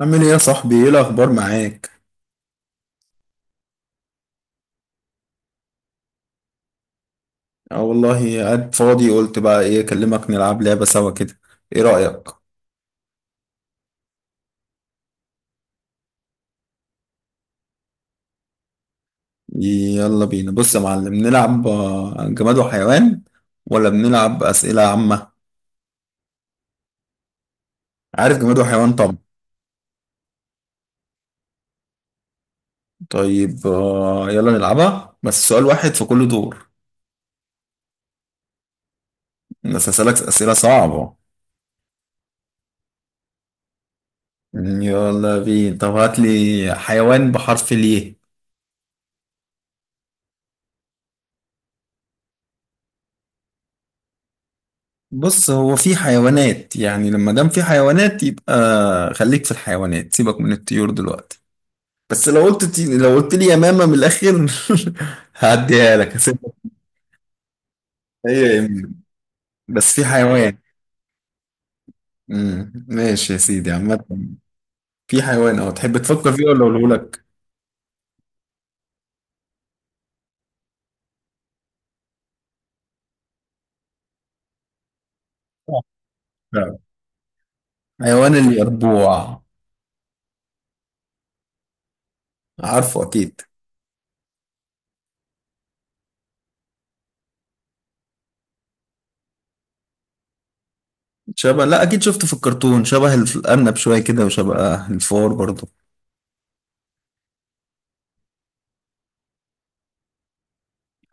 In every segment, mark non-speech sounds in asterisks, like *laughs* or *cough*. عامل ايه يا صاحبي؟ ايه الاخبار معاك؟ اه والله، قاعد فاضي، قلت بقى ايه، اكلمك نلعب لعبة سوا كده. ايه رأيك؟ يلا بينا، بص يا معلم، نلعب جماد وحيوان، ولا بنلعب أسئلة عامة؟ عارف جماد وحيوان طبعا. طيب يلا نلعبها، بس سؤال واحد في كل دور. بس هسألك أسئلة صعبة. يلا بينا، طب هات لي حيوان بحرف ليه. بص، هو في حيوانات، يعني لما دام في حيوانات يبقى خليك في الحيوانات، سيبك من الطيور دلوقتي. بس لو قلت لي يمامة من الآخر *laughs* هعديها لك، هسيبك. هي يمين. بس في حيوان. مم. ماشي يا سيدي، عامة في حيوان أهو، تحب تفكر فيه ولا أقوله لك؟ لا. حيوان اليربوع. عارفه أكيد. شبه، لا أكيد شفته في الكرتون، شبه الأرنب شوية كده وشبه الفار برضه.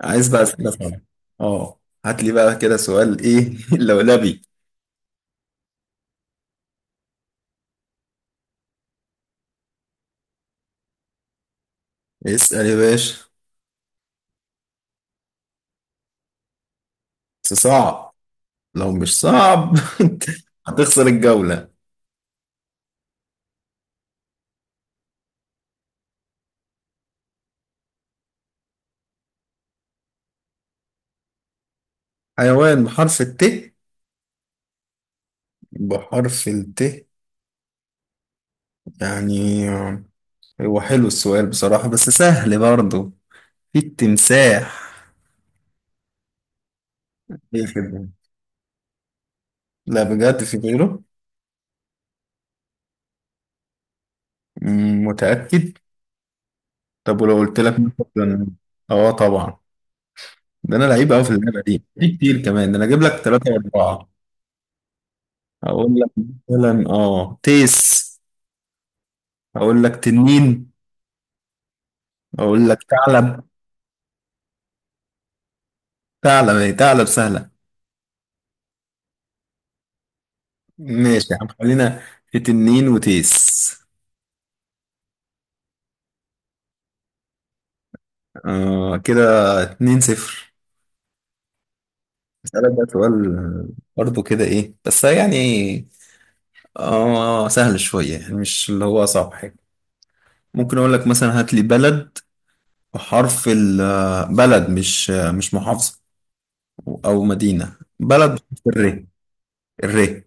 عايز بقى أسئلة صعبة. اه هات لي بقى كده سؤال إيه *laughs* لولبي. اسأل يا باشا، بس صعب، لو مش صعب *laughs* هتخسر الجولة. حيوان بحرف الت. بحرف الت. يعني هو حلو السؤال بصراحة، بس سهل برضه. في التمساح. إيه كده؟ لا بجد في غيره. مم، متأكد. طب ولو قلت لك مثلا، اه طبعا، ده انا لعيب قوي في اللعبه دي، في كتير كمان، ده انا اجيب لك ثلاثه واربعه. اقول لك مثلا اه تيس، اقول لك تنين، اقول لك ثعلب. ثعلب اهي، ثعلب سهلة. ماشي يا عم، خلينا في تنين وتيس. آه كده، 2-0. اسألك بقى سؤال، برضه كده ايه بس يعني، اه سهل شوية يعني، مش اللي هو صعب حاجة. ممكن اقول لك مثلا، هات لي بلد بحرف ال، بلد مش محافظة او مدينة، بلد بحرف الر. الر.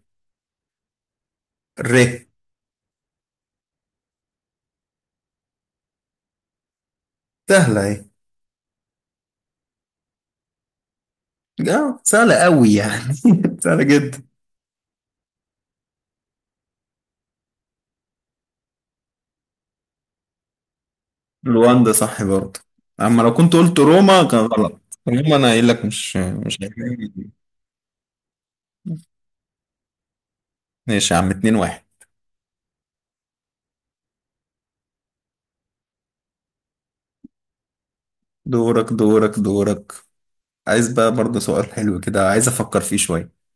الر. سهلة اهي. اه سهلة قوي يعني، *laughs* سهلة جدا. رواندا صح برضه، اما لو كنت قلت روما كان غلط. روما، انا قايل لك مش هيعجبني. ماشي يا عم، 2-1. دورك دورك دورك. عايز بقى برضه سؤال حلو كده، عايز افكر فيه شوية.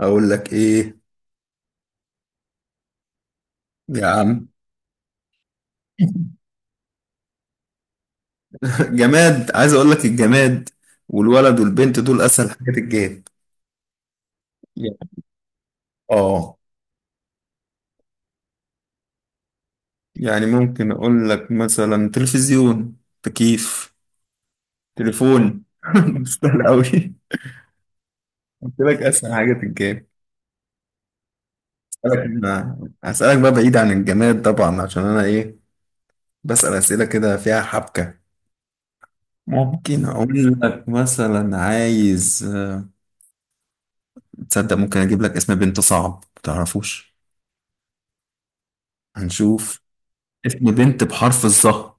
اقول لك ايه. يا عم. *laughs* جماد، عايز اقول لك، الجماد والولد والبنت دول اسهل حاجات الجاد. اه. يعني ممكن اقول لك مثلا تلفزيون، تكييف، تليفون. *laughs* سهل قوي، قلت لك اسهل حاجه في الجيم. هسألك، هسألك بقى بعيد عن الجماد طبعا، عشان انا ايه، بسأل اسئله كده فيها حبكه. ممكن اقول لك مثلا، عايز تصدق ممكن اجيب لك اسم بنت صعب ما تعرفوش، هنشوف. اسم بنت بحرف الظهر.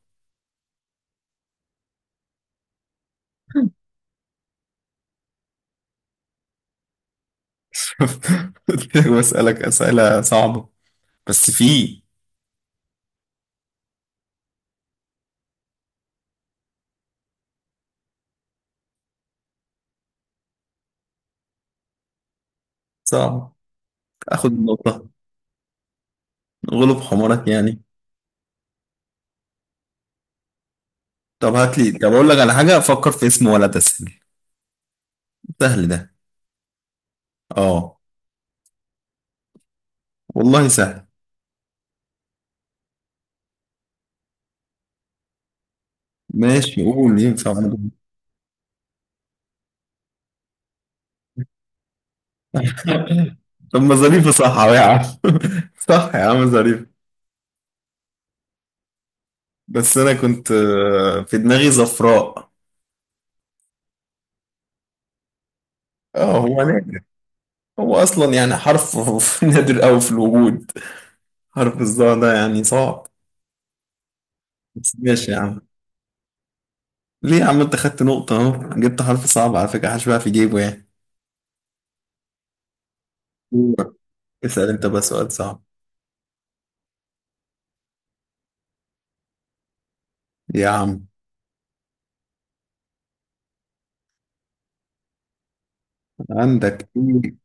*laughs* قلت لك بسألك اسئله صعبه، بس في. صعب. اخد النقطه، غلب حمارك يعني. طب هات لي، طب اقول لك على حاجه، فكر في اسم ولد اسهل. سهل ده. اه والله سهل. ماشي، قول ينفع برضه. *laughs* طب ما ظريفة صح أهو يا عم، *laughs* صح يا عم، ظريفة. بس أنا كنت في دماغي زفراء. اه هو نادر، هو أصلا يعني حرف، *laughs* نادر أوي في الوجود، حرف الظاء ده يعني صعب. بس ماشي يا عم، ليه يا عم؟ أنت خدت نقطة أهو، جبت حرف صعب على فكرة، حشبها في جيبه يعني. دورك. اسأل أنت بقى سؤال صعب. يا عم. عندك إيه؟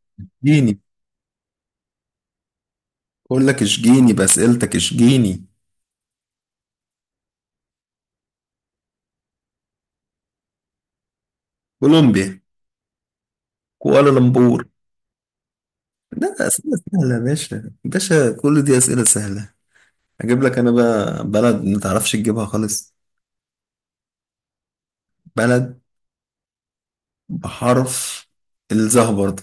جيني. أقول لك اشجيني بأسئلتك، اشجيني. كولومبيا، كوالالمبور. لا أسئلة سهلة يا باشا، باشا كل دي أسئلة سهلة. أجيب لك أنا بقى بلد ما تعرفش تجيبها خالص. بلد بحرف الظه برضه.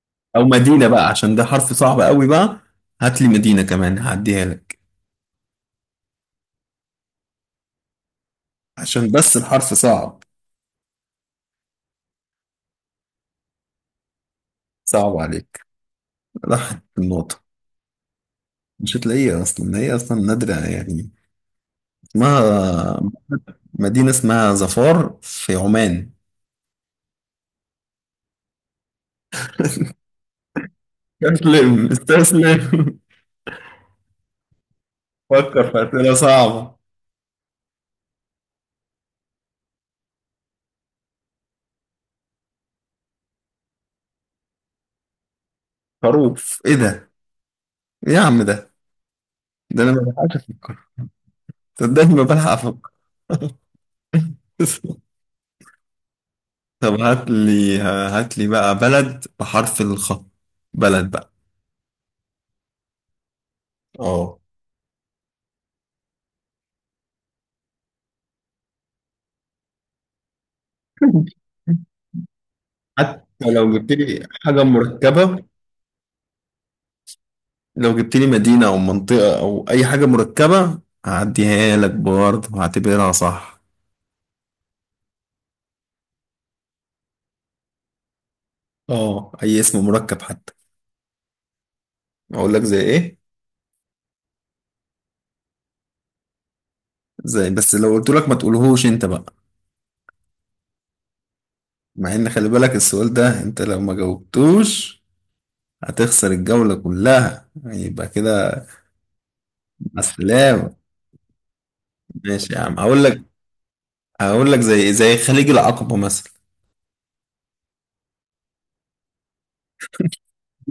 *laughs* أو مدينة بقى، عشان ده حرف صعب قوي بقى، هات لي مدينة كمان هعديها لك، عشان بس الحرف صعب. صعب عليك، راحت النقطة. مش هتلاقيها أصلا، هي أصلا نادرة يعني. اسمها، مدينة اسمها ظفار في عمان. *laughs* استسلم استسلم. فكر في أسئلة صعبة. خروف، ايه ده؟ ايه يا عم ده، ده انا ما بلحقش افكر، صدقني ما بلحق افكر. *laughs* طب هات لي بقى بلد بحرف الخاء. بلد بقى. اه. حتى لو جبت لي حاجة مركبة، لو جبت لي مدينة أو منطقة أو أي حاجة مركبة هعديها لك برضه، هعتبرها صح. اه أي اسم مركب حتى. أقول لك زي إيه. زي، بس لو قلت لك ما تقولهوش أنت بقى. مع إن، خلي بالك، السؤال ده أنت لو ما جاوبتوش هتخسر الجولة كلها، يبقى كده مع السلامة. ماشي يا عم، هقول لك. هقول لك زي خليج العقبة مثلا.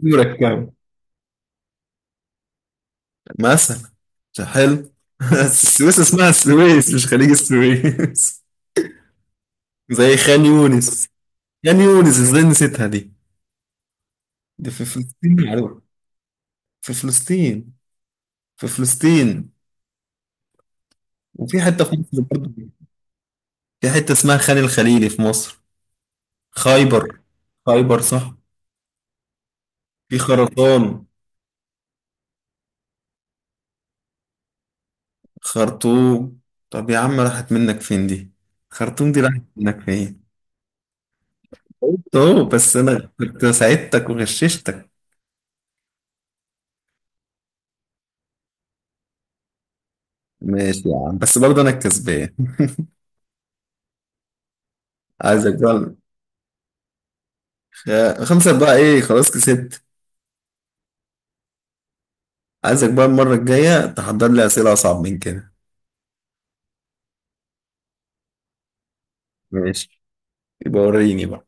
مركبة. مثلا مش حلو. *laughs* السويس اسمها السويس، مش خليج السويس. *laughs* زي خان يونس. خان يونس ازاي نسيتها؟ دي في فلسطين معروف. في فلسطين في فلسطين. وفي حتة في مصر برضه. في حتة اسمها خان الخليلي في مصر. خيبر، خيبر صح. في خرطان، خرطوم. طب يا عم راحت منك فين دي؟ خرطوم دي راحت منك فين؟ قلت اهو، بس انا كنت ساعدتك وغششتك. ماشي يا عم، بس برضه انا الكسبان. عايزك بقى. خمسة بقى، ايه خلاص كسبت. عايزك بقى المرة الجاية تحضر لي أسئلة أصعب من كده. ماشي. يبقى وريني بقى.